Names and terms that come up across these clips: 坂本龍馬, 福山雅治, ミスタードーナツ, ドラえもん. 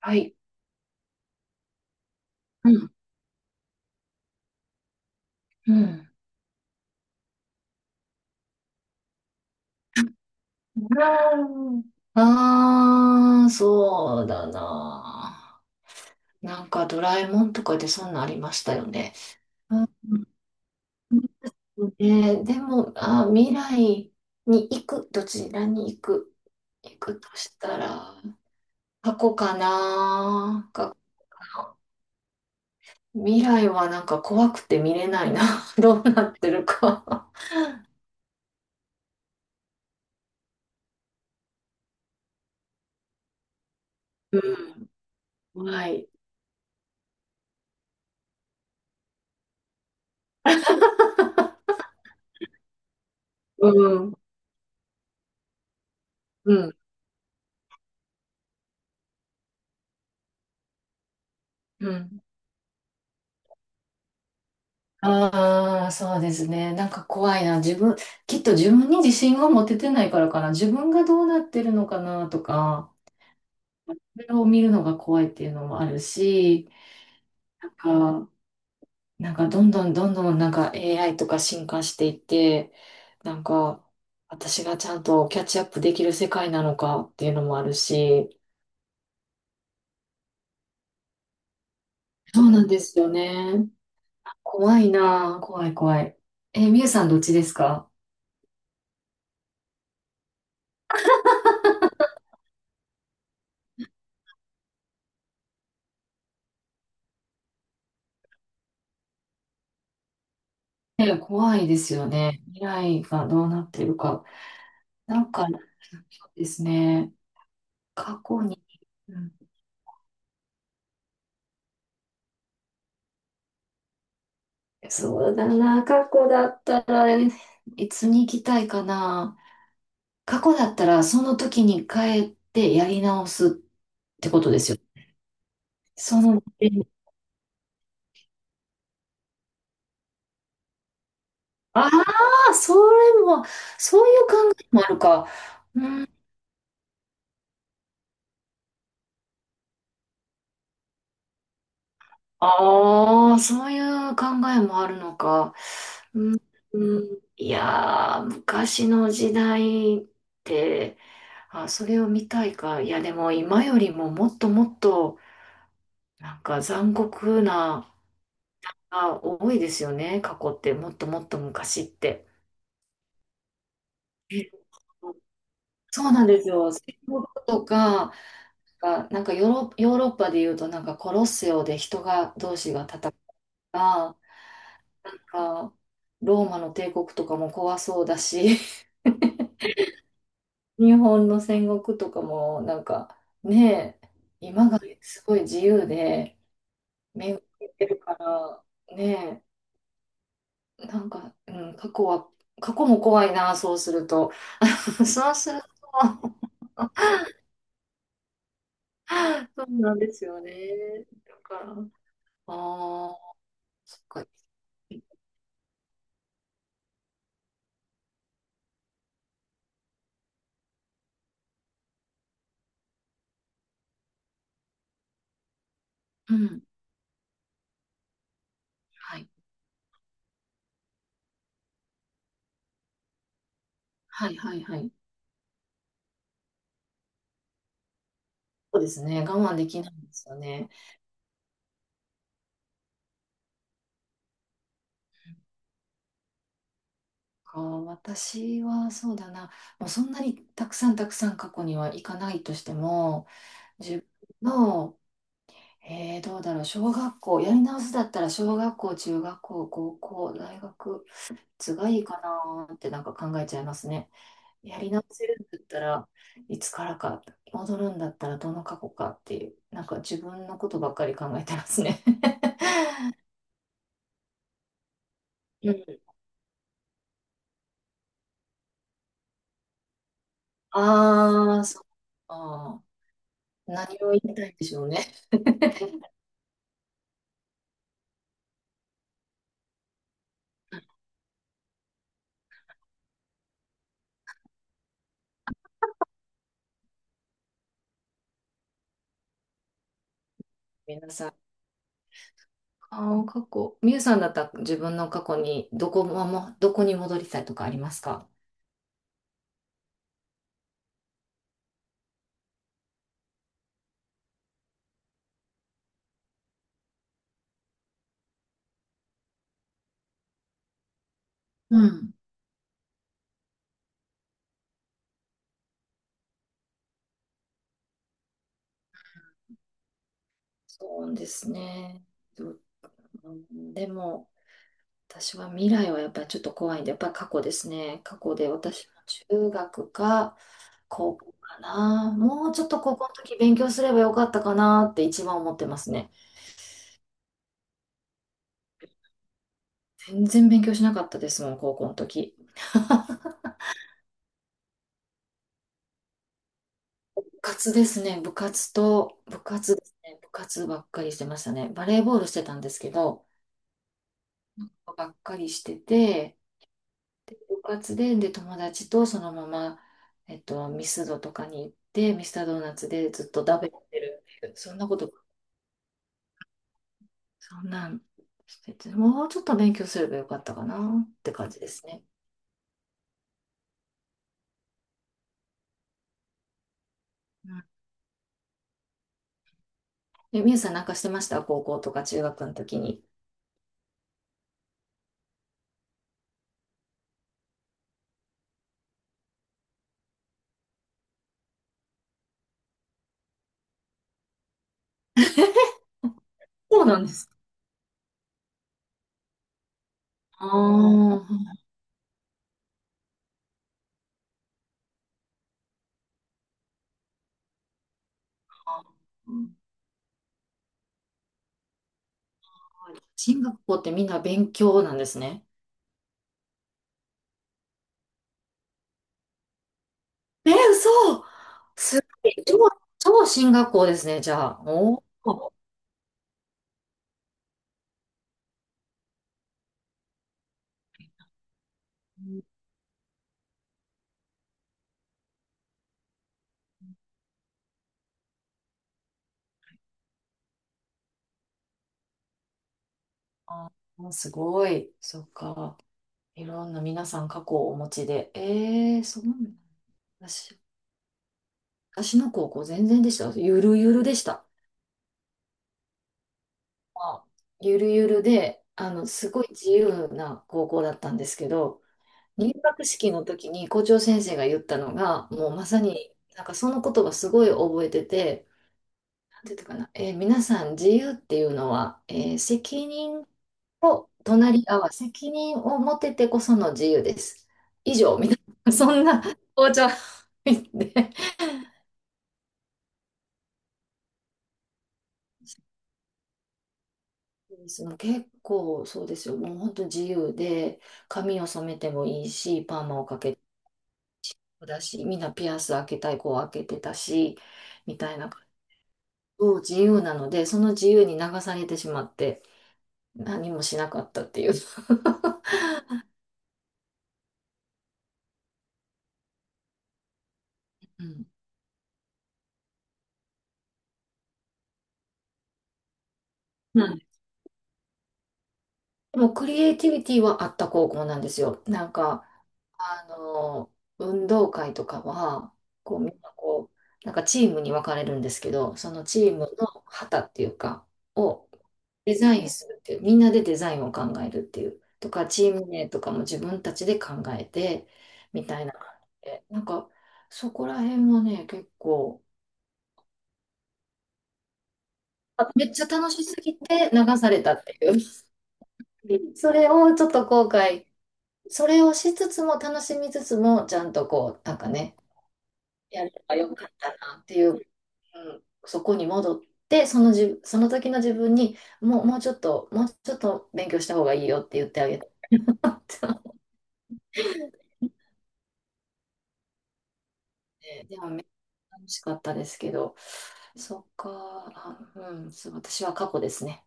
はい。うん。うんそうだな。なんかドラえもんとかでそんなんありましたよね。うん。ね、でも、あ、未来に行く、どちらに行く、行くとしたら、過去かな。か、未来はなんか怖くて見れないな。どうなってるか。うん。はい。うん。うん。うん。ああ、そうですね。なんか怖いな。自分、きっと自分に自信が持ててないからかな。自分がどうなってるのかなとか、それを見るのが怖いっていうのもあるし、なんか、なんか、どんどんなんか AI とか進化していって、なんか私がちゃんとキャッチアップできる世界なのかっていうのもあるし、そうなんですよね。怖いな。怖い怖い。え、みゆさんどっちですか？え、怖いですよね。未来がどうなってるか。なんか、ですね。過去に、うん、そうだな、過去だったら、いつに行きたいかな。過去だったら、その時に帰ってやり直すってことですよ。その、ああ、それも、そういう考えもあるか。ああ、そういう考えもあるのか。うん、うん、いやー、昔の時代って、あ、それを見たいか。いや、でも今よりももっともっと、なんか残酷な、あ、多いですよね。過去って、もっともっと昔って。え、そうなんですよ。戦国とか、がなんかヨーロッパで言うと、なんかコロッセオで人が、同士が戦うとか、なんかローマの帝国とかも怖そうだし、日本の戦国とかもなんか、ね。え、今がすごい自由で恵まれてるから、ね。え、なんか、うん、過去は過去も怖いな、そうすると。 そうすると。 そうなんですよね、だから。あ、あ、そっか。うん。はいはいはい。はい。そうですね、我慢できないんですよね。か、私はそうだな、もうそんなにたくさん過去には行かないとしても、自分の、えー、どうだろう、小学校、やり直すだったら小学校、中学校、高校、大学、いつがいいかなーってなんか考えちゃいますね。やり直せるんだったらいつからか、戻るんだったらどの過去かっていう、なんか自分のことばっかり考えてますね。うん、ああ、そうか。あー、何を言いたいんでしょうね。皆さん。あ、あ、過去。みゆさんだったら自分の過去にどこも、どこに戻りたいとかありますか？うん。そうですね。う、うん、でも、私は未来はやっぱりちょっと怖いんで、やっぱり過去ですね。過去で私も中学か高校かな。もうちょっと高校の時勉強すればよかったかなって一番思ってますね。全然勉強しなかったですもん、高校の時。部活ですね。部活と、部活ですね。部活ばっかりしてましたね。バレーボールしてたんですけど、ばっかりしてて、部活で、で、友達とそのまま、ミスドとかに行って、ミスタードーナツでずっと食べてるっていう、そんなこと、そんなんしてて、もうちょっと勉強すればよかったかなって感じですね。うん。え、みゆさんなんかしてました高校とか中学の時に？そうなんです。ああ、進学校ってみんな勉強なんですね。え、嘘。すごい。超、超進学校ですね、じゃあ。おお。あー、すごい。そっか。いろんな皆さん過去をお持ちで。ええ、そうなんだ。私、私の高校全然でした。ゆるゆるでした。まあ、ゆるゆるで、すごい自由な高校だったんですけど、入学式の時に校長先生が言ったのが、もうまさに、なんかその言葉すごい覚えてて、なんていうのかな、皆さん自由っていうのは、責任と隣り合わせ、責任を持ててこその自由です。以上、みたいな、そんな紅茶で。そうですね、結構そうですよ。もう本当自由で、髪を染めてもいいし、パーマをかけてもだし、みんなピアス開けたい子は開けてたし、みたいな。そう自由なので、その自由に流されてしまって、何もしなかったっていう。うん。うん、でもクリエイティビティはあった高校なんですよ。なんか、あの、運動会とかは、こう、みんなこう、なんかチームに分かれるんですけど、そのチームの旗っていうか、をデザインするっていう、みんなでデザインを考えるっていう、とか、チーム名とかも自分たちで考えて、みたいな感じで、なんか、そこら辺はね、結構、あ、めっちゃ楽しすぎて流されたっていう。それをちょっと後悔、それをしつつも楽しみつつも、ちゃんとこう、なんかね、やればよかったなっていう。うん、そこに戻って、そのじ、その時の自分に、もう、もうちょっと、もうちょっと勉強した方がいいよって言ってあげたって。 でもめっちゃ楽しかったですけど、そっか、あ、うん、そう私は過去ですね。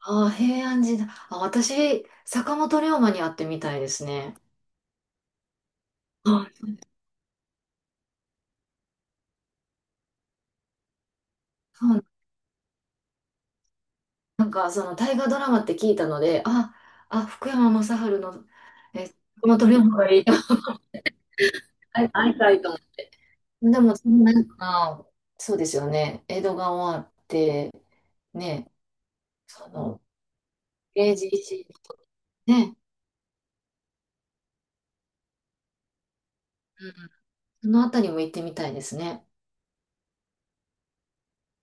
ああ、平安時代。あ、私、坂本龍馬に会ってみたいですね。あ、そうなんか、その大河ドラマって聞いたので、あ、あ、福山雅治の、え、坂本龍馬がいい。会いたいと思って。でも、そんなんか、そうですよね。江戸が終わって、ね、その、明治維新、ね、うん、そのあたりも行ってみたいですね。